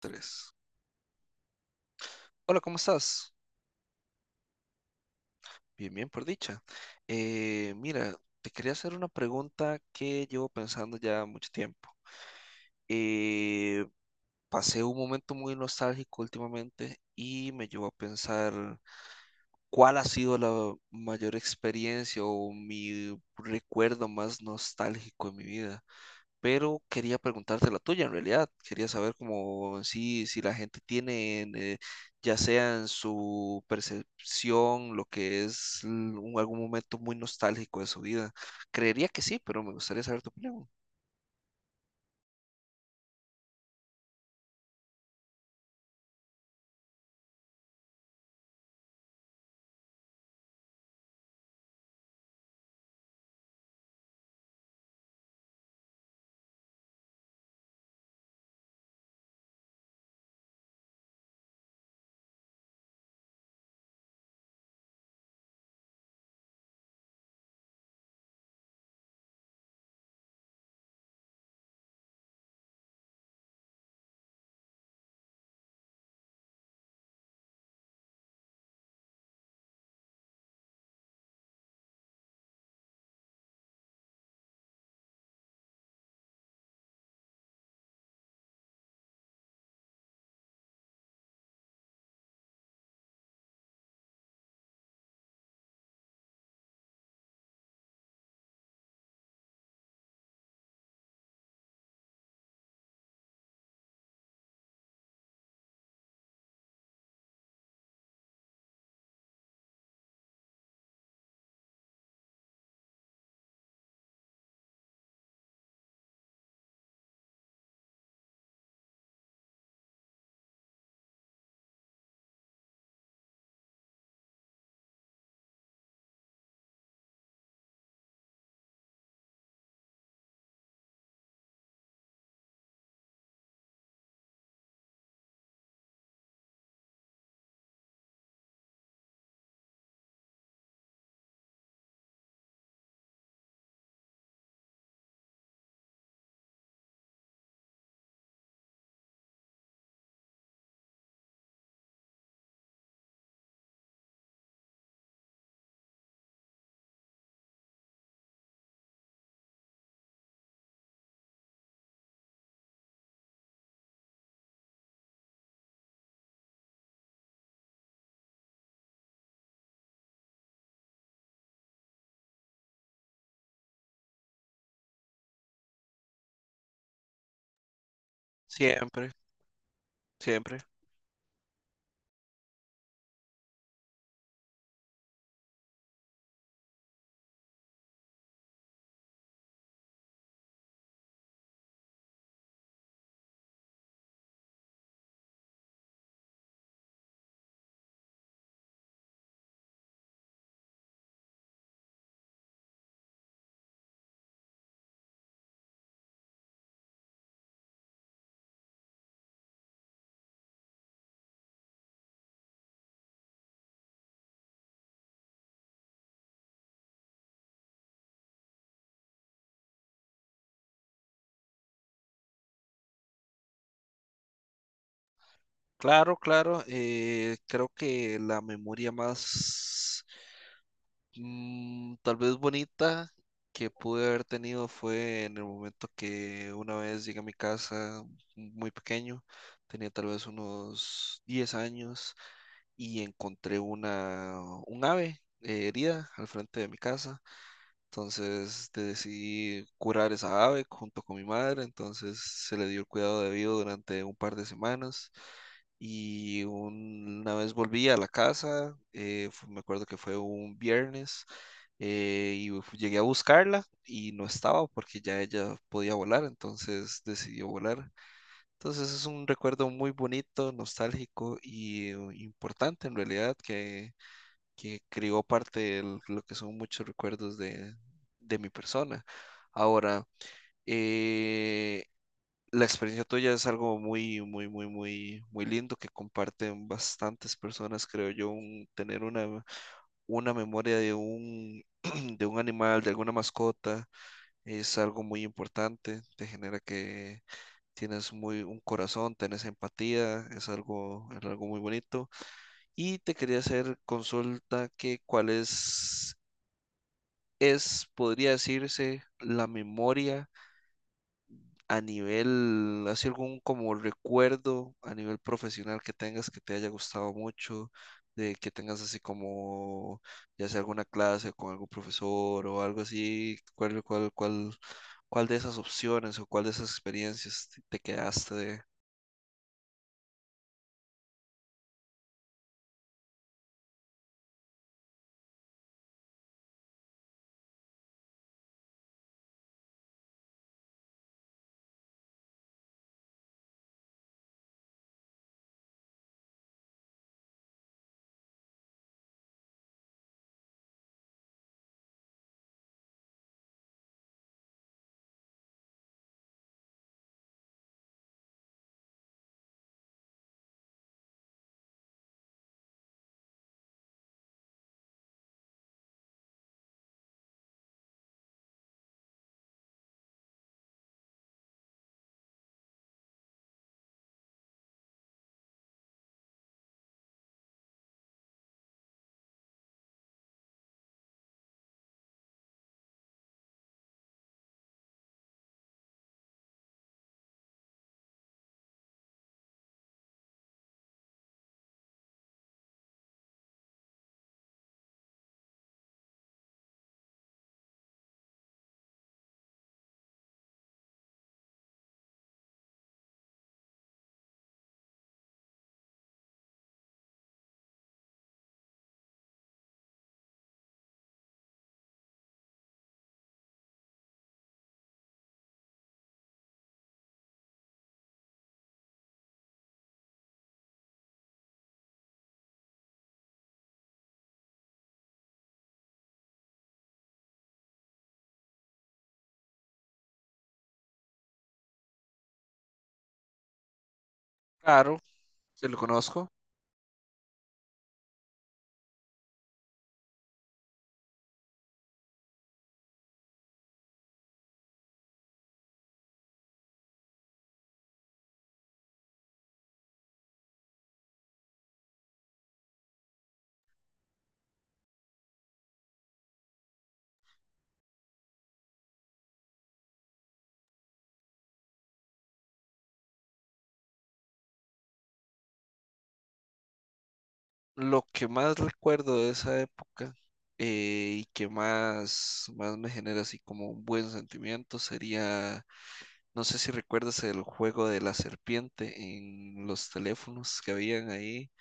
Tres. Hola, ¿cómo estás? Bien, bien, por dicha. Mira, te quería hacer una pregunta que llevo pensando ya mucho tiempo. Eh, pasé un momento muy nostálgico últimamente y me llevó a pensar cuál ha sido la mayor experiencia o mi recuerdo más nostálgico en mi vida. Pero quería preguntarte la tuya en realidad. Quería saber cómo si la gente tiene, ya sea en su percepción, lo que es l- un- algún momento muy nostálgico de su vida. Creería que sí, pero me gustaría saber tu opinión. Siempre, siempre. Claro, claro. Creo que la memoria más tal vez bonita que pude haber tenido fue en el momento que una vez llegué a mi casa muy pequeño, tenía tal vez unos 10 años y encontré un ave herida al frente de mi casa. Entonces decidí curar esa ave junto con mi madre, entonces se le dio el cuidado debido durante un par de semanas y una vez volví a la casa, me acuerdo que fue un viernes llegué a buscarla y no estaba porque ya ella podía volar, entonces decidió volar. Entonces es un recuerdo muy bonito, nostálgico y importante en realidad que creó parte de lo que son muchos recuerdos de mi persona. Ahora, eh, la experiencia tuya es algo muy, muy, muy, muy, muy lindo que comparten bastantes personas, creo yo, tener una memoria de un, de un animal, de alguna mascota, es algo muy importante, te genera que tienes muy, un corazón, tienes empatía, es algo muy bonito. Y te quería hacer consulta que cuál es, podría decirse, la memoria a nivel, así algún como recuerdo a nivel profesional que tengas que te haya gustado mucho, de que tengas así como, ya sea alguna clase con algún profesor o algo así, cuál de esas opciones o cuál de esas experiencias te quedaste de... Claro, te lo conozco. Lo que más recuerdo de esa época y que más me genera así como un buen sentimiento sería... No sé si recuerdas el juego de la serpiente en los teléfonos que habían ahí.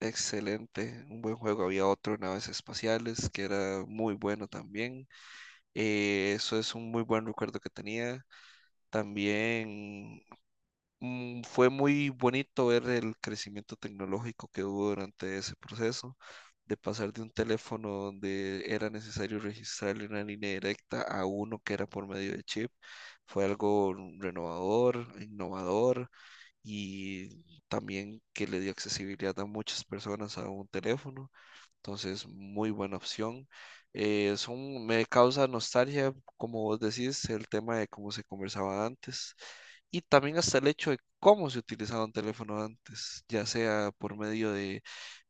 Excelente, un buen juego. Había otro, en naves espaciales, que era muy bueno también. Eso es un muy buen recuerdo que tenía. También fue muy bonito ver el crecimiento tecnológico que hubo durante ese proceso, de pasar de un teléfono donde era necesario registrarle una línea directa a uno que era por medio de chip. Fue algo renovador, innovador y también que le dio accesibilidad a muchas personas a un teléfono. Entonces, muy buena opción. Son, me causa nostalgia, como vos decís, el tema de cómo se conversaba antes y también hasta el hecho de cómo se utilizaba un teléfono antes, ya sea por medio de,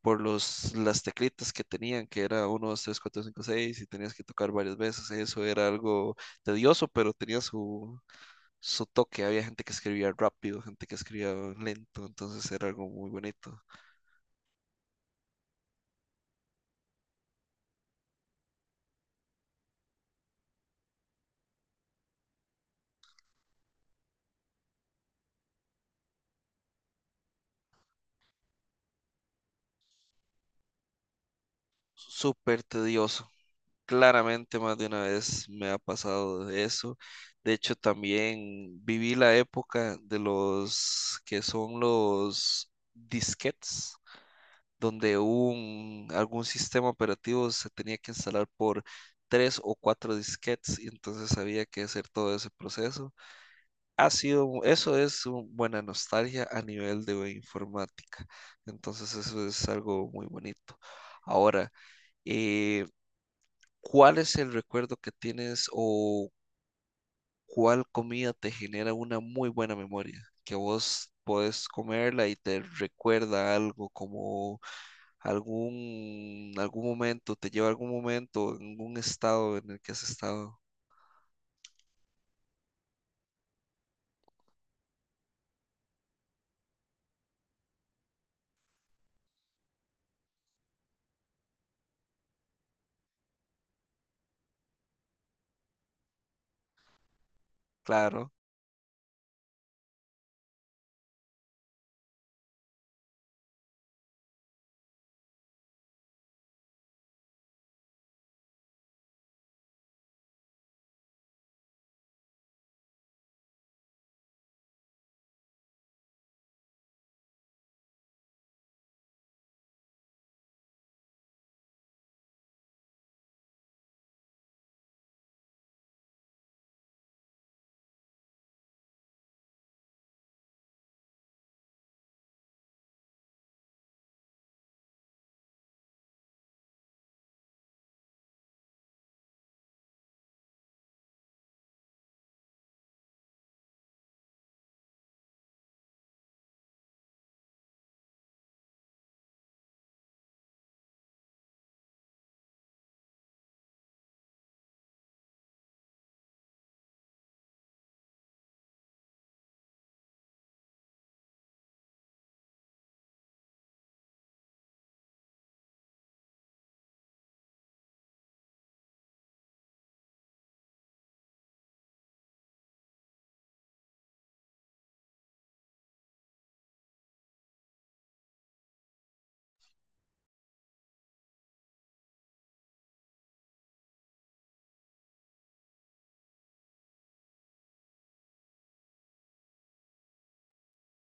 por los, las teclitas que tenían, que era uno 2 3 4 5 6 y tenías que tocar varias veces. Eso era algo tedioso, pero tenía su toque. Había gente que escribía rápido, gente que escribía lento, entonces era algo muy bonito. Súper tedioso. Claramente más de una vez me ha pasado eso. De hecho, también viví la época de los que son los disquetes, donde algún sistema operativo se tenía que instalar por 3 o 4 disquetes y entonces había que hacer todo ese proceso. Ha sido, eso es una buena nostalgia a nivel de informática. Entonces eso es algo muy bonito. Ahora, eh, ¿cuál es el recuerdo que tienes o cuál comida te genera una muy buena memoria? Que vos podés comerla y te recuerda algo, como algún momento, te lleva a algún momento, algún estado en el que has estado. Claro.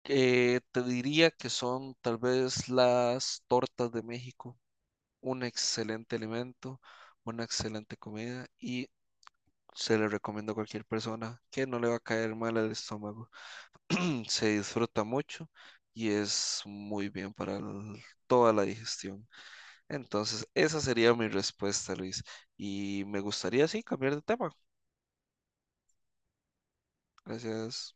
Te diría que son tal vez las tortas de México, un excelente alimento, una excelente comida y se le recomiendo a cualquier persona que no le va a caer mal al estómago. Se disfruta mucho y es muy bien para toda la digestión. Entonces, esa sería mi respuesta, Luis. Y me gustaría, sí, cambiar de tema. Gracias.